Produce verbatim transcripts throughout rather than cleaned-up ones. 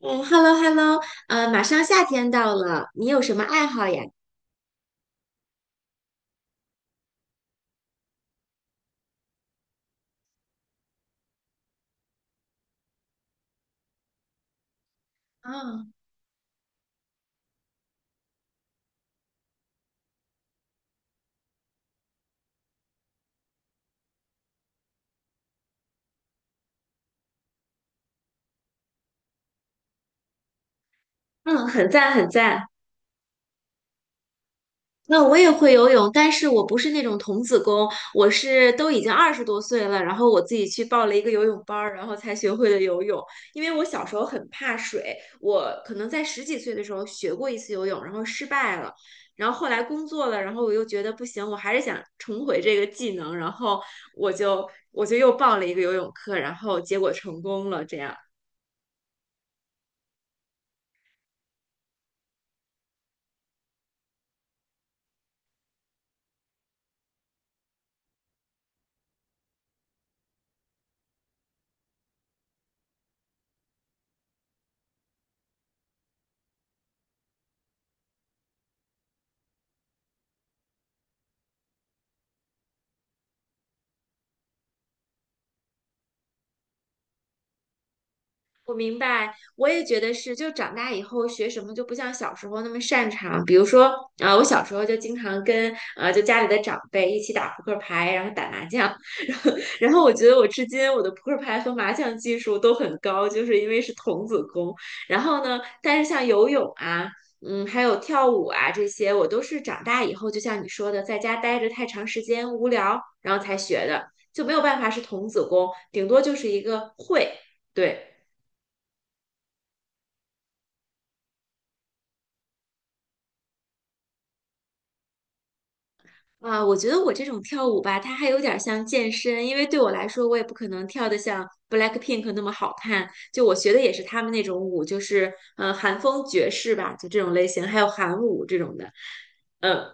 嗯，hello hello，呃，马上夏天到了，你有什么爱好呀？啊，嗯，很赞很赞。那我也会游泳，但是我不是那种童子功，我是都已经二十多岁了，然后我自己去报了一个游泳班儿，然后才学会了游泳。因为我小时候很怕水，我可能在十几岁的时候学过一次游泳，然后失败了，然后后来工作了，然后我又觉得不行，我还是想重回这个技能，然后我就我就又报了一个游泳课，然后结果成功了，这样。我明白，我也觉得是，就长大以后学什么就不像小时候那么擅长。比如说，啊、我小时候就经常跟呃，就家里的长辈一起打扑克牌，然后打麻将，然后然后我觉得我至今我的扑克牌和麻将技术都很高，就是因为是童子功。然后呢，但是像游泳啊。嗯，还有跳舞啊，这些我都是长大以后，就像你说的，在家待着太长时间无聊，然后才学的，就没有办法是童子功，顶多就是一个会，对。啊，我觉得我这种跳舞吧，它还有点儿像健身，因为对我来说，我也不可能跳得像 BLACKPINK 那么好看。就我学的也是他们那种舞，就是呃韩风爵士吧，就这种类型，还有韩舞这种的。嗯，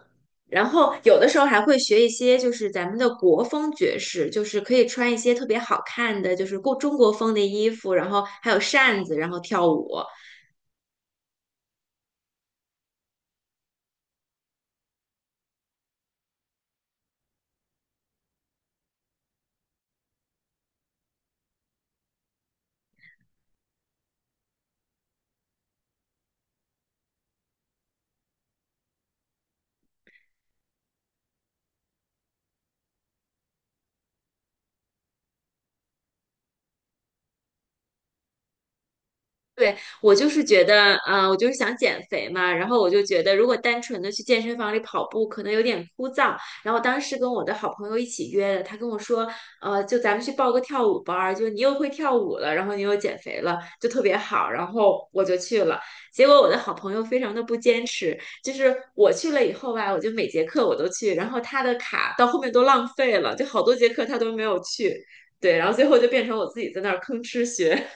然后有的时候还会学一些，就是咱们的国风爵士，就是可以穿一些特别好看的，就是过中国风的衣服，然后还有扇子，然后跳舞。对，我就是觉得，呃，我就是想减肥嘛，然后我就觉得，如果单纯的去健身房里跑步，可能有点枯燥。然后当时跟我的好朋友一起约的，他跟我说，呃，就咱们去报个跳舞班儿，就你又会跳舞了，然后你又减肥了，就特别好。然后我就去了，结果我的好朋友非常的不坚持，就是我去了以后吧，我就每节课我都去，然后他的卡到后面都浪费了，就好多节课他都没有去。对，然后最后就变成我自己在那儿吭哧学。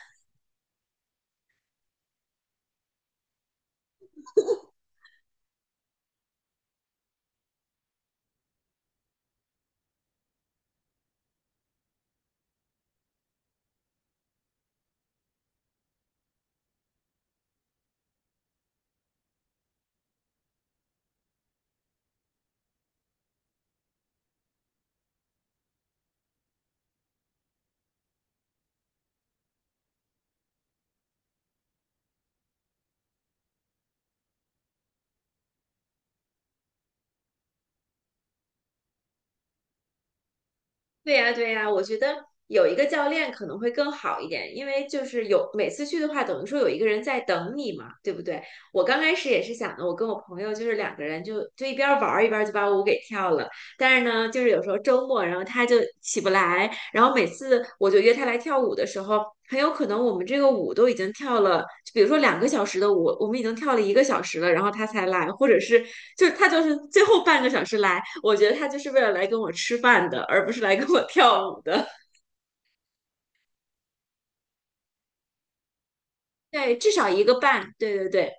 对呀，对呀，我觉得有一个教练可能会更好一点，因为就是有每次去的话，等于说有一个人在等你嘛，对不对？我刚开始也是想的，我跟我朋友就是两个人就就一边玩儿一边就把舞给跳了，但是呢，就是有时候周末，然后他就起不来，然后每次我就约他来跳舞的时候，很有可能我们这个舞都已经跳了，就比如说两个小时的舞，我们已经跳了一个小时了，然后他才来，或者是就是他就是最后半个小时来，我觉得他就是为了来跟我吃饭的，而不是来跟我跳舞的。对，至少一个半，对对对。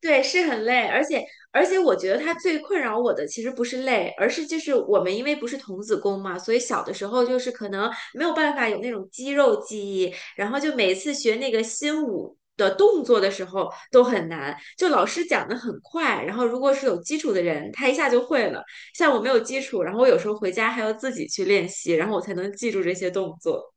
对，是很累，而且而且我觉得它最困扰我的其实不是累，而是就是我们因为不是童子功嘛，所以小的时候就是可能没有办法有那种肌肉记忆，然后就每次学那个新舞的动作的时候都很难，就老师讲的很快，然后如果是有基础的人，他一下就会了，像我没有基础，然后我有时候回家还要自己去练习，然后我才能记住这些动作。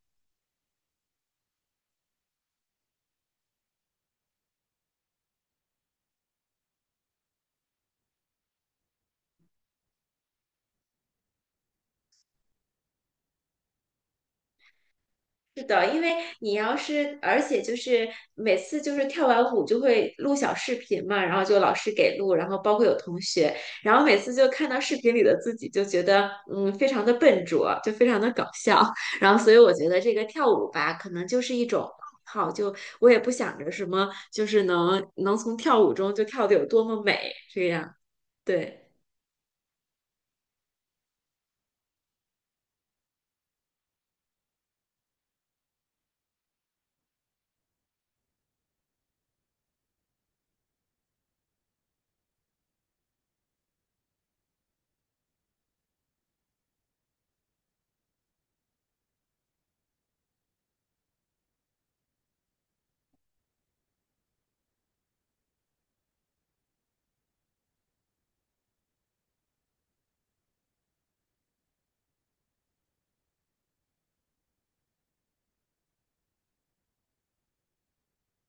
是的，因为你要是，而且就是每次就是跳完舞就会录小视频嘛，然后就老师给录，然后包括有同学，然后每次就看到视频里的自己，就觉得嗯非常的笨拙，就非常的搞笑。然后所以我觉得这个跳舞吧，可能就是一种爱好，就我也不想着什么，就是能能从跳舞中就跳得有多么美，这样，对。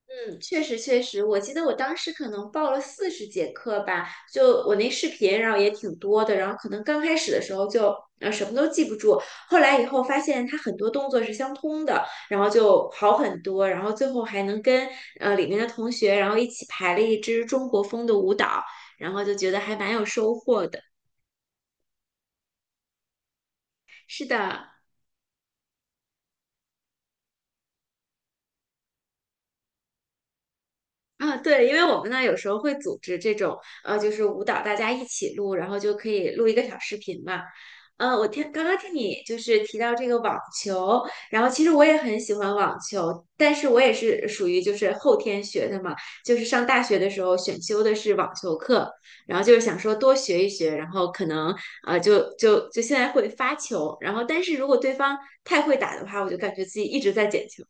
嗯，确实确实，我记得我当时可能报了四十节课吧，就我那视频，然后也挺多的，然后可能刚开始的时候就呃什么都记不住，后来以后发现它很多动作是相通的，然后就好很多，然后最后还能跟呃里面的同学，然后一起排了一支中国风的舞蹈，然后就觉得还蛮有收获的。是的。啊，对，因为我们呢有时候会组织这种，呃，就是舞蹈大家一起录，然后就可以录一个小视频嘛。呃，我听刚刚听你就是提到这个网球，然后其实我也很喜欢网球，但是我也是属于就是后天学的嘛，就是上大学的时候选修的是网球课，然后就是想说多学一学，然后可能呃就就就现在会发球，然后但是如果对方太会打的话，我就感觉自己一直在捡球。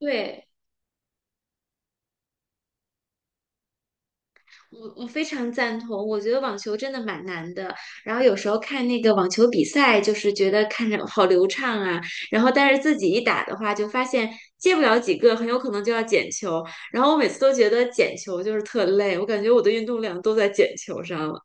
对。我我非常赞同，我觉得网球真的蛮难的。然后有时候看那个网球比赛，就是觉得看着好流畅啊，然后但是自己一打的话，就发现接不了几个，很有可能就要捡球。然后我每次都觉得捡球就是特累，我感觉我的运动量都在捡球上了。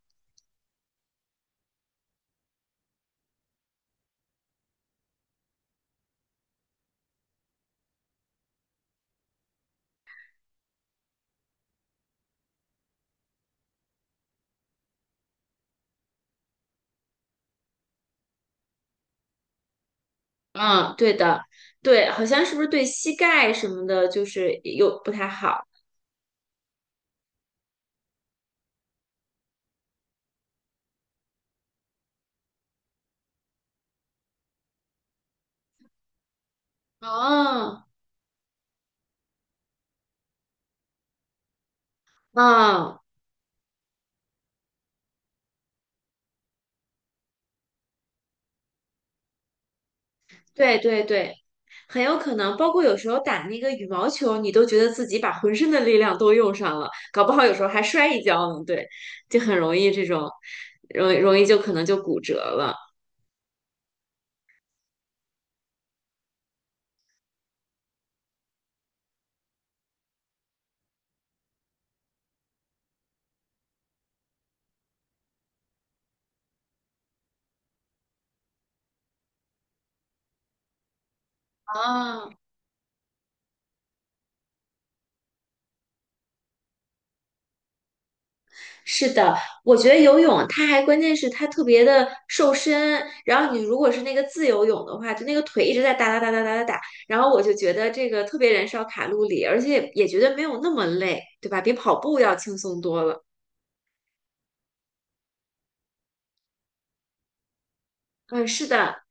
嗯，对的，对，好像是不是对膝盖什么的，就是有不太好。哦，嗯。对对对，很有可能，包括有时候打那个羽毛球，你都觉得自己把浑身的力量都用上了，搞不好有时候还摔一跤呢。对，就很容易这种，容易容易就可能就骨折了。啊，是的，我觉得游泳它还关键是它特别的瘦身，然后你如果是那个自由泳的话，就那个腿一直在哒哒哒哒哒哒打，然后我就觉得这个特别燃烧卡路里，而且也觉得没有那么累，对吧？比跑步要轻松多了。嗯，是的。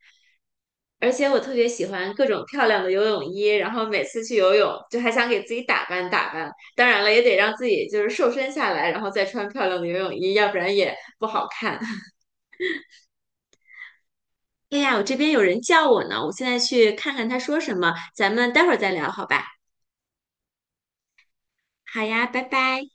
而且我特别喜欢各种漂亮的游泳衣，然后每次去游泳就还想给自己打扮打扮。当然了，也得让自己就是瘦身下来，然后再穿漂亮的游泳衣，要不然也不好看。哎呀，我这边有人叫我呢，我现在去看看他说什么，咱们待会儿再聊，好吧？好呀，拜拜。